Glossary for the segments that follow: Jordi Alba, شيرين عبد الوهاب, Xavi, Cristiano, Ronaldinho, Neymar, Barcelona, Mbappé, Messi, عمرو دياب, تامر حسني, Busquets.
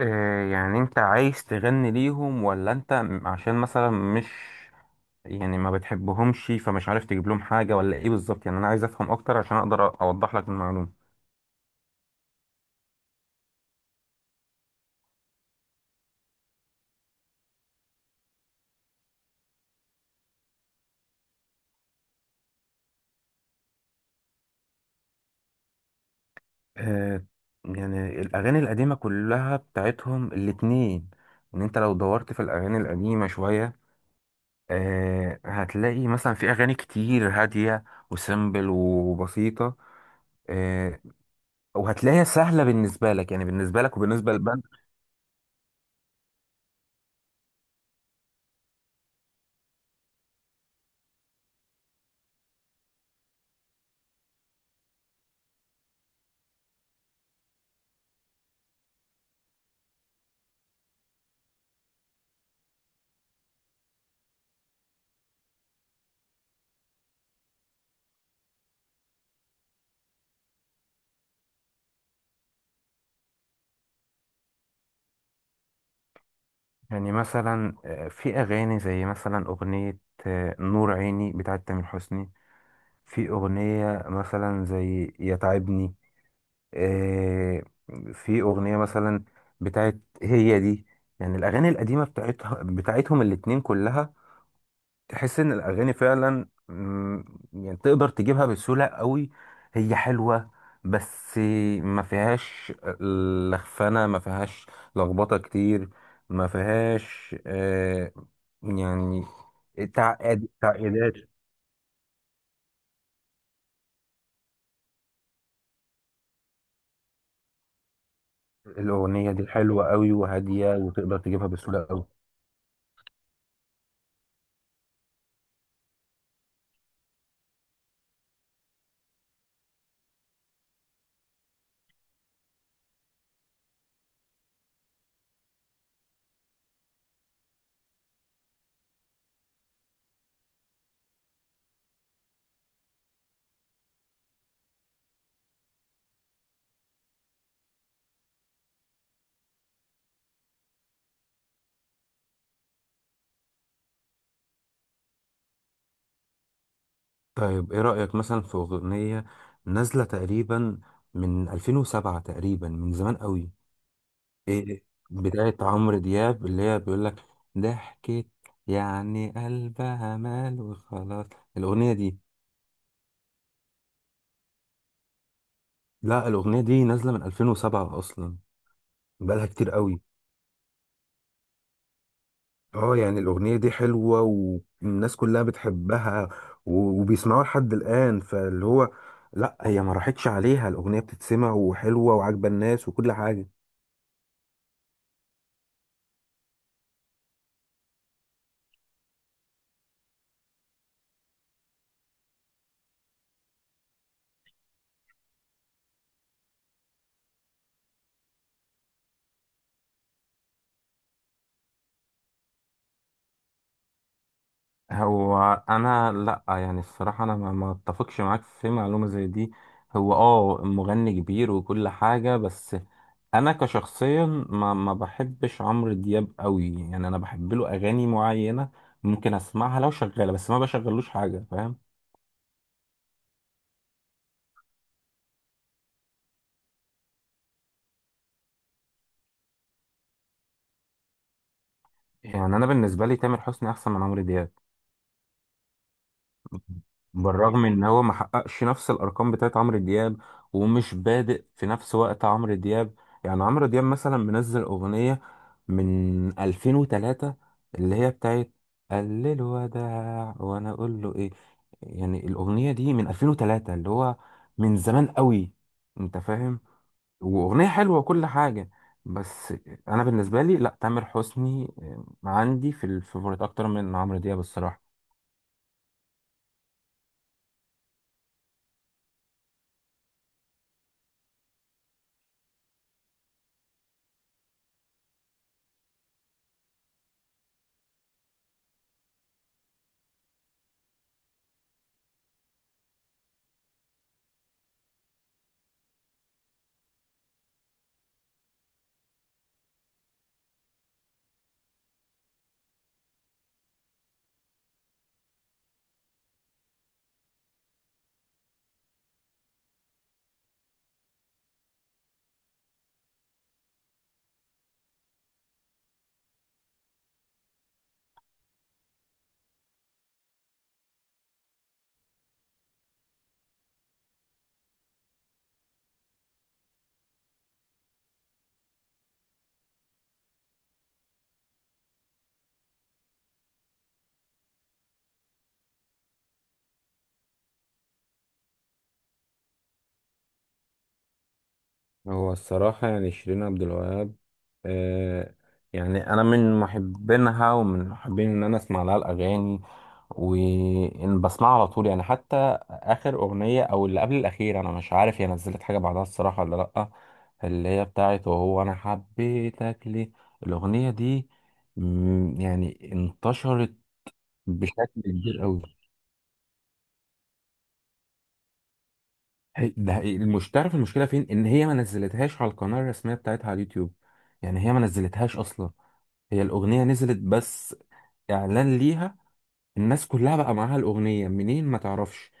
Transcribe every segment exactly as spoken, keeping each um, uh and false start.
آه، يعني انت عايز تغني ليهم ولا انت م- عشان مثلا مش يعني ما بتحبهمش فمش عارف تجيب لهم حاجة ولا ايه بالظبط؟ يعني انا عايز افهم اكتر عشان اقدر أ- اوضح لك المعلومة. آه، يعني الأغاني القديمة كلها بتاعتهم الاتنين، إن أنت لو دورت في الأغاني القديمة شوية آه هتلاقي مثلا في أغاني كتير هادية وسيمبل وبسيطة، آه وهتلاقيها سهلة بالنسبة لك، يعني بالنسبة لك وبالنسبة. يعني مثلا آه، في أغاني زي مثلا أغنية آه، نور عيني بتاعت تامر حسني، في أغنية مثلا زي يا تعبني، آه، في أغنية مثلا بتاعت هي دي. يعني الأغاني القديمة بتاعتها بتاعتهم الاتنين كلها، تحس ان الاغاني فعلا، مم، يعني تقدر تجيبها بسهوله قوي. هي حلوه بس ما فيهاش لخفنه، ما فيهاش لخبطه كتير، ما فيهاش آه يعني تعقيد، تعقيدات. الاغنيه دي حلوه قوي وهاديه وتقدر تجيبها بسهوله قوي. طيب ايه رايك مثلا في اغنيه نازله تقريبا من ألفين وسبعة تقريبا، من زمان قوي، ايه بتاعت عمرو دياب اللي هي بيقول لك ضحكت، يعني قلبها مال وخلاص، الاغنيه دي. لا، الاغنيه دي نازله من ألفين وسبعة اصلا، بقالها كتير قوي. اه، يعني الاغنيه دي حلوه والناس كلها بتحبها و- وبيسمعوها لحد الان، فاللي هو لا هي ما راحتش عليها، الاغنيه بتتسمع وحلوه وعاجبه الناس وكل حاجه. هو انا لا، يعني الصراحه انا ما ما اتفقش معاك في معلومه زي دي. هو اه مغني كبير وكل حاجه، بس انا كشخصيا ما ما بحبش عمرو دياب قوي. يعني انا بحب له اغاني معينه، ممكن اسمعها لو شغاله، بس ما بشغلوش حاجه، فاهم. يعني انا بالنسبه لي تامر حسني احسن من عمرو دياب، بالرغم ان هو ما حققش نفس الارقام بتاعت عمرو دياب، ومش بادئ في نفس وقت عمرو دياب. يعني عمرو دياب مثلا منزل اغنية من ألفين وتلاتة، اللي هي بتاعت قال له الوداع وانا اقول له ايه. يعني الاغنية دي من ألفين وثلاثة اللي هو من زمان قوي، انت فاهم، واغنية حلوة وكل حاجة. بس انا بالنسبة لي لا، تامر حسني آه، عندي في الفيفوريت اكتر من عمرو دياب الصراحة. هو الصراحة، يعني شيرين عبد الوهاب، آه يعني أنا من محبينها ومن محبين إن أنا أسمع لها الأغاني، وإن بسمعها على طول، يعني حتى آخر أغنية أو اللي قبل الأخير، أنا مش عارف هي نزلت حاجة بعدها الصراحة ولا لأ، اللي هي بتاعت وهو أنا حبيتك ليه. الأغنية دي، مم، يعني انتشرت بشكل كبير أوي. هي- ده هي- مش تعرف المشكله فين، ان هي ما نزلتهاش على القناه الرسميه بتاعتها على اليوتيوب. يعني هي ما نزلتهاش اصلا، هي الاغنيه نزلت بس اعلان ليها، الناس كلها بقى معاها الاغنيه منين ما تعرفش.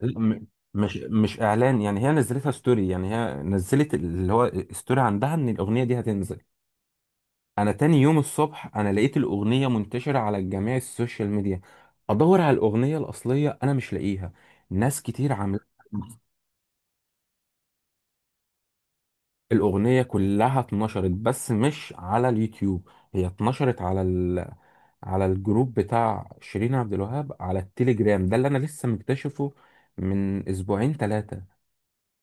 لا، م- مش مش اعلان، يعني هي نزلتها ستوري، يعني هي نزلت اللي هو ستوري عندها ان الاغنيه دي هتنزل. انا تاني يوم الصبح انا لقيت الاغنيه منتشره على جميع السوشيال ميديا، ادور على الاغنيه الاصليه انا مش لاقيها، ناس كتير عامله. الأغنية كلها اتنشرت، بس مش على اليوتيوب، هي اتنشرت على ال... على الجروب بتاع شيرين عبد الوهاب على التليجرام، ده اللي أنا لسه مكتشفه من أسبوعين ثلاثة.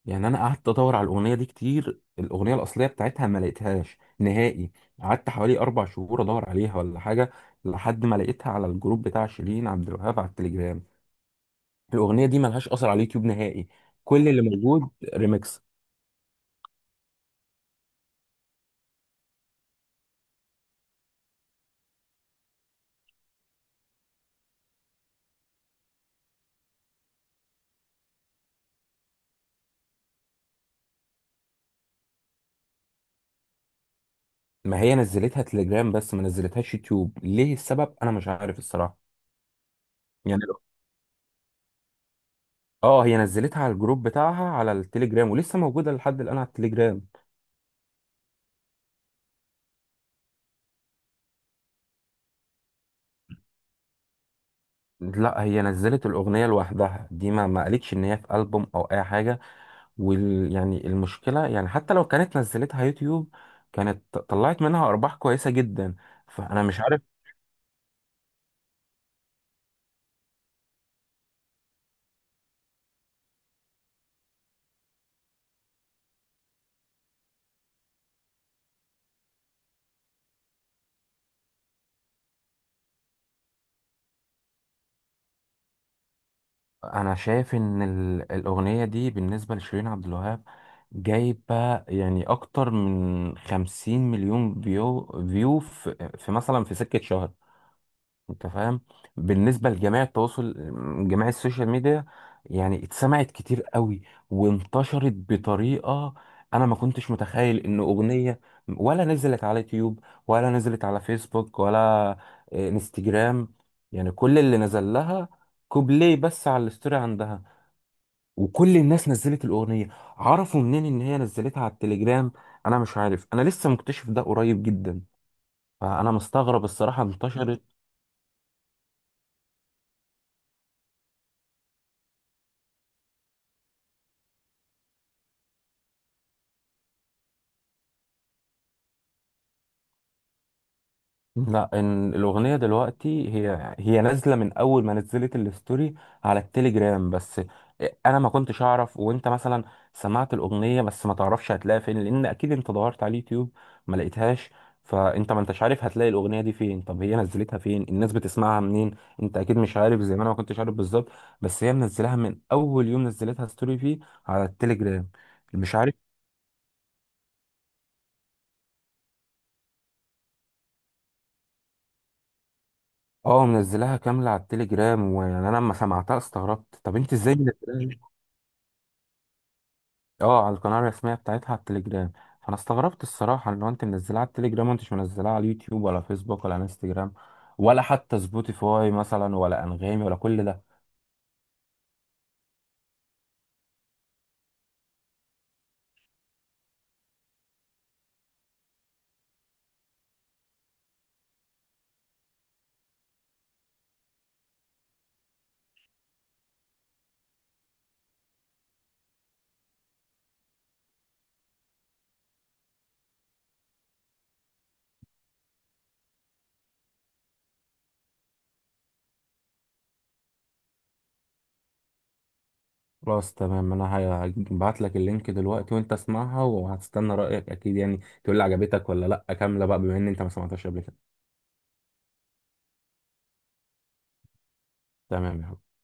يعني أنا قعدت أدور على الأغنية دي كتير، الأغنية الأصلية بتاعتها ما لقيتهاش نهائي، قعدت حوالي أربع شهور أدور عليها ولا حاجة، لحد ما لقيتها على الجروب بتاع شيرين عبد الوهاب على التليجرام. الأغنية دي ملهاش أثر على اليوتيوب نهائي، كل اللي موجود ريمكس. ما هي نزلتها تليجرام بس ما نزلتهاش يوتيوب، ليه السبب انا مش عارف الصراحه يعني. اه، هي نزلتها على الجروب بتاعها على التليجرام ولسه موجوده لحد الان على التليجرام. لا، هي نزلت الاغنيه لوحدها دي، ما ما قالتش ان هي في البوم او اي حاجه. وال يعني المشكله، يعني حتى لو كانت نزلتها يوتيوب، كانت ط- طلعت منها ارباح كويسه جدا، فانا مش عارف. انا شايف ان ال- الاغنيه دي بالنسبه لشيرين عبد الوهاب، جايبه يعني اكتر من خمسين مليون فيو، فيو في, في مثلا في سكه شهر، انت فاهم، بالنسبه لجميع التواصل، جميع السوشيال ميديا. يعني اتسمعت كتير قوي، وانتشرت بطريقه، انا ما كنتش متخيل ان اغنيه ولا نزلت على يوتيوب ولا نزلت على فيسبوك ولا آه، انستجرام، يعني كل اللي نزل لها كوبليه بس على الستوري عندها، وكل الناس نزلت الاغنيه، عرفوا منين ان هي نزلتها على التليجرام. انا مش عارف، انا لسه مكتشف ده قريب جدا، فانا مستغرب الصراحه انتشرت. لا، إن الأغنية دلوقتي هي هي نازلة من أول ما نزلت الستوري على التليجرام بس، أنا ما كنتش أعرف، وأنت مثلا سمعت الأغنية بس ما تعرفش هتلاقيها فين، لأن أكيد أنت دورت على اليوتيوب ما لقيتهاش، فأنت ما أنتش عارف هتلاقي الأغنية دي فين، طب هي نزلتها فين؟ الناس بتسمعها منين؟ أنت أكيد مش عارف زي ما أنا ما كنتش عارف بالظبط، بس هي منزلها من أول يوم نزلتها ستوري فيه على التليجرام. مش عارف. اه، منزلها كاملة على التليجرام، ويعني أنا لما سمعتها استغربت، طب أنت إزاي منزلها؟ اه، على القناة الرسمية بتاعتها على التليجرام. فانا استغربت الصراحة ان هو انت منزلها على التليجرام وانتش منزلها على اليوتيوب، ولا فيسبوك، ولا انستجرام، ولا حتى سبوتيفاي مثلا، ولا انغامي، ولا كل ده. خلاص، تمام، انا هبعت لك اللينك دلوقتي، وانت اسمعها، وهتستنى رأيك اكيد يعني، تقول لي عجبتك ولا لا، كاملة بقى بما ان انت ما سمعتهاش قبل كده. تمام يا حبيبي.